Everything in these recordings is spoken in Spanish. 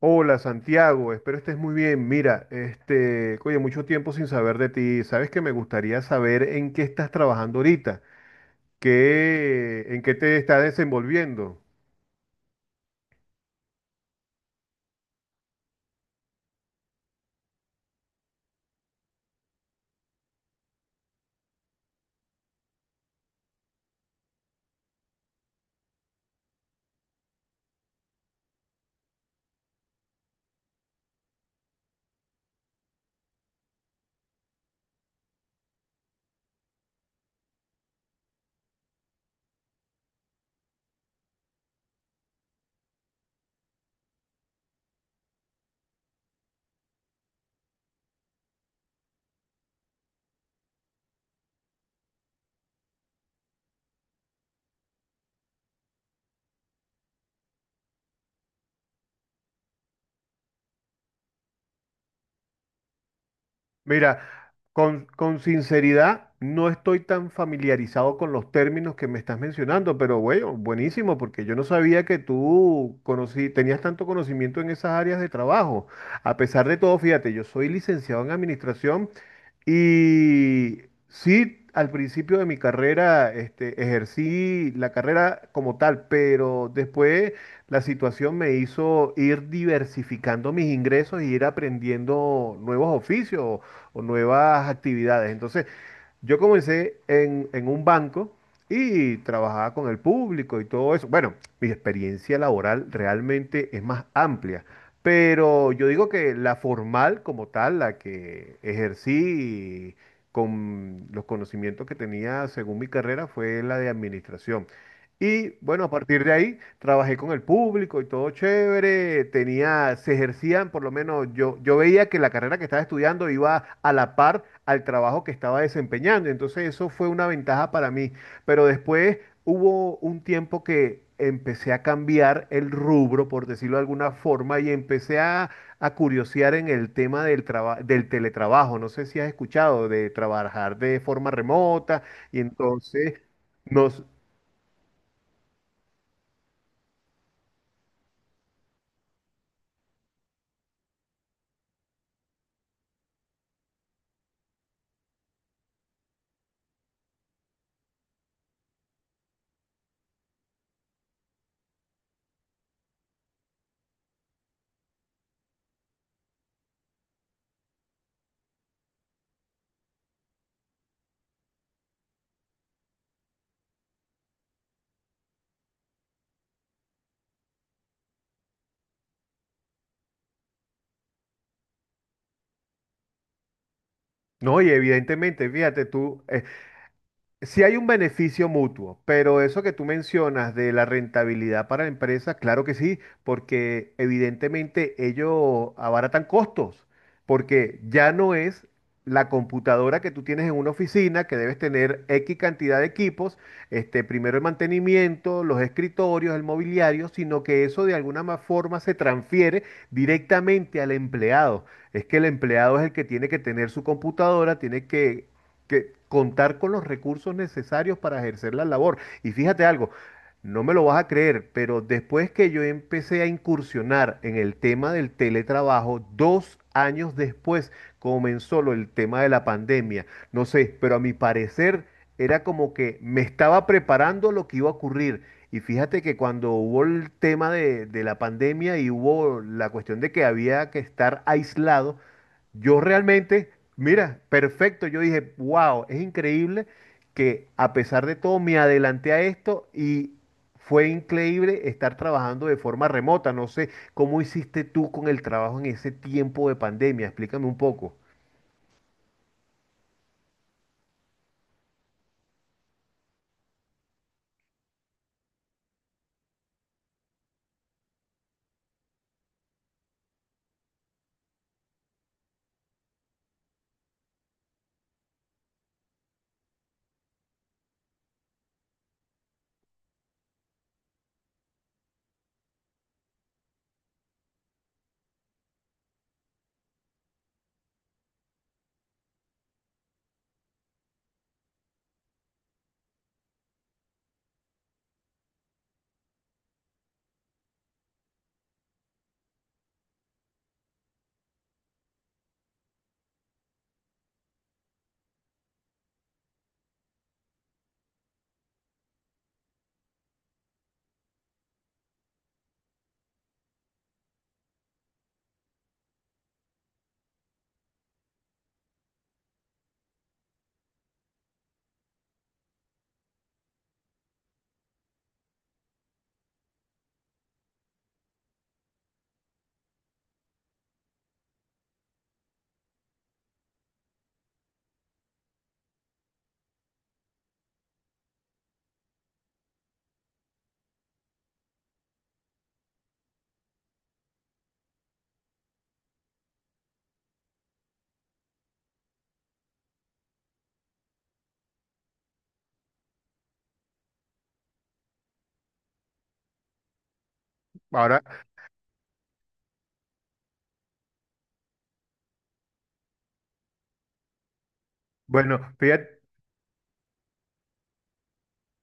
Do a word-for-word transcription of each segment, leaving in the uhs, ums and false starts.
Hola Santiago, espero estés muy bien. Mira, este, oye, mucho tiempo sin saber de ti. Sabes que me gustaría saber en qué estás trabajando ahorita, qué, en qué te estás desenvolviendo. Mira, con, con sinceridad, no estoy tan familiarizado con los términos que me estás mencionando, pero bueno, buenísimo, porque yo no sabía que tú conocí, tenías tanto conocimiento en esas áreas de trabajo. A pesar de todo, fíjate, yo soy licenciado en administración y sí, al principio de mi carrera, este, ejercí la carrera como tal, pero después la situación me hizo ir diversificando mis ingresos y ir aprendiendo nuevos oficios o nuevas actividades. Entonces, yo comencé en, en un banco y trabajaba con el público y todo eso. Bueno, mi experiencia laboral realmente es más amplia, pero yo digo que la formal como tal, la que ejercí con los conocimientos que tenía según mi carrera, fue la de administración. Y bueno, a partir de ahí trabajé con el público y todo chévere, tenía, se ejercían, por lo menos yo, yo veía que la carrera que estaba estudiando iba a la par al trabajo que estaba desempeñando, entonces eso fue una ventaja para mí. Pero después hubo un tiempo que empecé a cambiar el rubro, por decirlo de alguna forma, y empecé a, a curiosear en el tema del traba- del teletrabajo. No sé si has escuchado de trabajar de forma remota y entonces... Nos, No, y evidentemente, fíjate tú, eh, si hay un beneficio mutuo, pero eso que tú mencionas de la rentabilidad para la empresa, claro que sí, porque evidentemente ellos abaratan costos, porque ya no es la computadora que tú tienes en una oficina, que debes tener X cantidad de equipos, este, primero el mantenimiento, los escritorios, el mobiliario, sino que eso de alguna ma- forma se transfiere directamente al empleado. Es que el empleado es el que tiene que tener su computadora, tiene que que contar con los recursos necesarios para ejercer la labor. Y fíjate algo, no me lo vas a creer, pero después que yo empecé a incursionar en el tema del teletrabajo, dos años después comenzó lo, el tema de la pandemia. No sé, pero a mi parecer era como que me estaba preparando lo que iba a ocurrir. Y fíjate que cuando hubo el tema de, de la pandemia y hubo la cuestión de que había que estar aislado, yo realmente, mira, perfecto, yo dije, wow, es increíble que a pesar de todo me adelanté a esto y fue increíble estar trabajando de forma remota. No sé cómo hiciste tú con el trabajo en ese tiempo de pandemia, explícame un poco. Ahora, bueno, fíjate.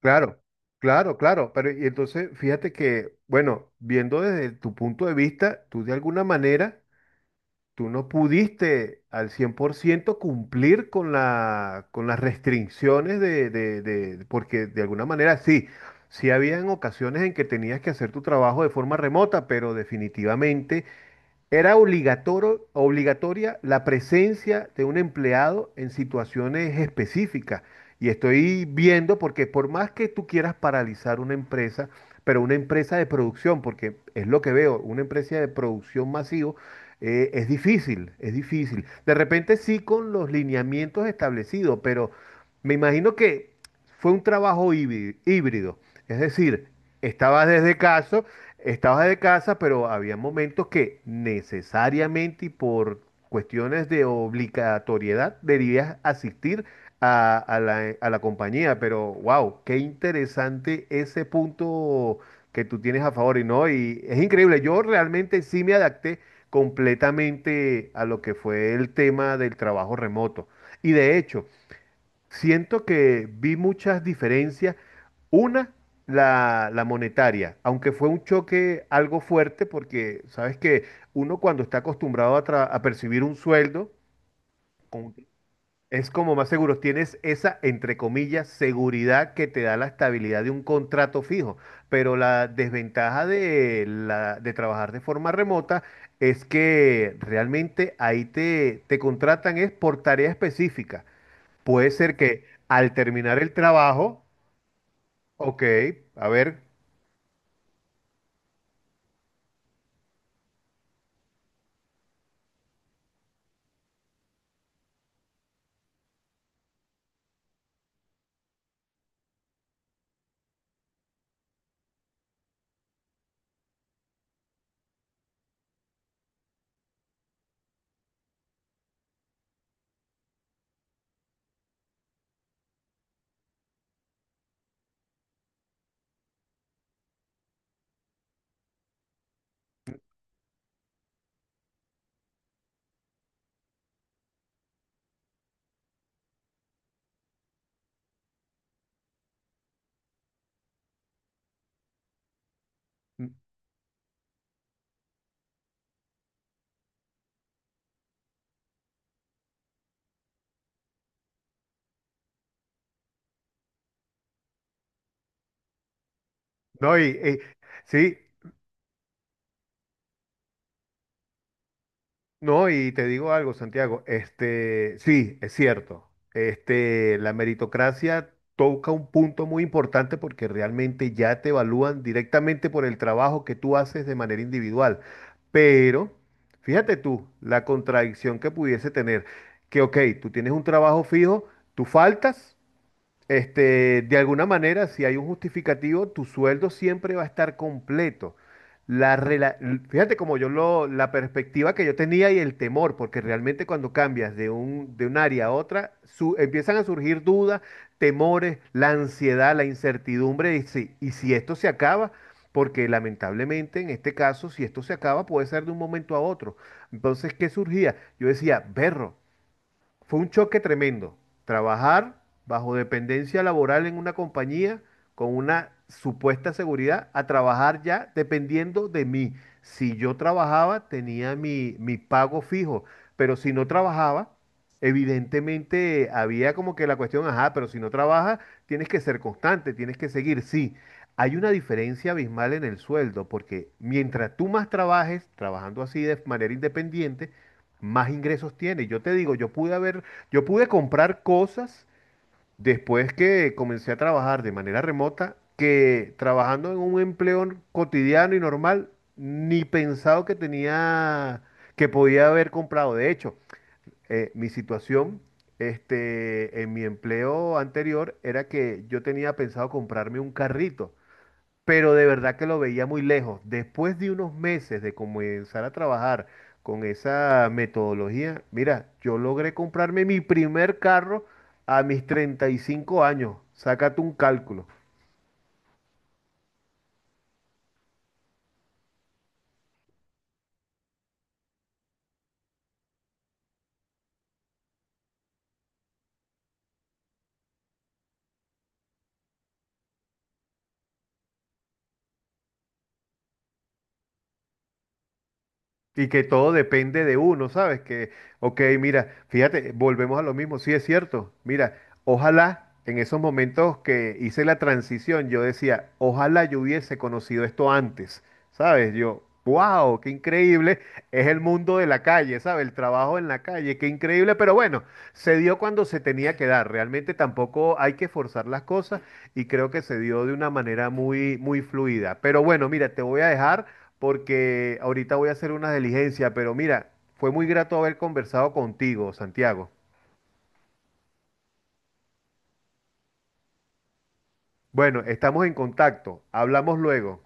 Claro, claro, claro. Pero y entonces, fíjate que, bueno, viendo desde tu punto de vista, tú de alguna manera, tú no pudiste al cien por ciento cumplir con la, con las restricciones de, de, de- porque de alguna manera sí, sí habían ocasiones en que tenías que hacer tu trabajo de forma remota, pero definitivamente era obligatorio, obligatoria la presencia de un empleado en situaciones específicas. Y estoy viendo, porque por más que tú quieras paralizar una empresa, pero una empresa de producción, porque es lo que veo, una empresa de producción masivo, eh, es difícil, es difícil. De repente sí con los lineamientos establecidos, pero me imagino que fue un trabajo híbri- híbrido, es decir, estabas desde casa, estabas de casa, pero había momentos que necesariamente y por cuestiones de obligatoriedad debías asistir a, a la, a la compañía, pero wow, qué interesante ese punto que tú tienes a favor y no, y es increíble, yo realmente sí me adapté completamente a lo que fue el tema del trabajo remoto. Y de hecho, siento que vi muchas diferencias. Una, la, la monetaria, aunque fue un choque algo fuerte, porque sabes que uno cuando está acostumbrado a, tra- a percibir un sueldo, con es como más seguro, tienes esa, entre comillas, seguridad que te da la estabilidad de un contrato fijo, pero la desventaja de, la, de trabajar de forma remota es que realmente ahí te, te contratan es por tarea específica. Puede ser que al terminar el trabajo, ok, a ver, no, y, y- sí. No, y te digo algo, Santiago, este, sí, es cierto. Este, la meritocracia toca un punto muy importante porque realmente ya te evalúan directamente por el trabajo que tú haces de manera individual. Pero fíjate tú, la contradicción que pudiese tener, que ok, tú tienes un trabajo fijo, tú faltas. Este, de alguna manera, si hay un justificativo, tu sueldo siempre va a estar completo. La rela- l- fíjate como yo lo, la perspectiva que yo tenía y el temor, porque realmente cuando cambias de un, de un área a otra, su- empiezan a surgir dudas, temores, la ansiedad, la incertidumbre, y si, y si esto se acaba, porque lamentablemente en este caso, si esto se acaba, puede ser de un momento a otro. Entonces, ¿qué surgía? Yo decía, berro. Fue un choque tremendo. Trabajar bajo dependencia laboral en una compañía con una supuesta seguridad a trabajar ya dependiendo de mí. Si yo trabajaba, tenía mi, mi pago fijo, pero si no trabajaba, evidentemente había como que la cuestión, ajá, pero si no trabajas, tienes que ser constante, tienes que seguir. Sí, hay una diferencia abismal en el sueldo, porque mientras tú más trabajes, trabajando así de manera independiente, más ingresos tiene. Yo te digo, yo pude haber, yo pude comprar cosas después que comencé a trabajar de manera remota, que trabajando en un empleo cotidiano y normal, ni pensado que tenía, que podía haber comprado. De hecho, eh, mi situación, este, en mi empleo anterior era que yo tenía pensado comprarme un carrito pero de verdad que lo veía muy lejos. Después de unos meses de comenzar a trabajar con esa metodología, mira, yo logré comprarme mi primer carro a mis treinta y cinco años. Sácate un cálculo. Y que todo depende de uno, ¿sabes? Que, ok, mira, fíjate, volvemos a lo mismo, sí es cierto, mira, ojalá en esos momentos que hice la transición, yo decía, ojalá yo hubiese conocido esto antes, ¿sabes? Yo, wow, qué increíble, es el mundo de la calle, ¿sabes? El trabajo en la calle, qué increíble, pero bueno, se dio cuando se tenía que dar, realmente tampoco hay que forzar las cosas y creo que se dio de una manera muy, muy fluida. Pero bueno, mira, te voy a dejar porque ahorita voy a hacer una diligencia, pero mira, fue muy grato haber conversado contigo, Santiago. Bueno, estamos en contacto, hablamos luego.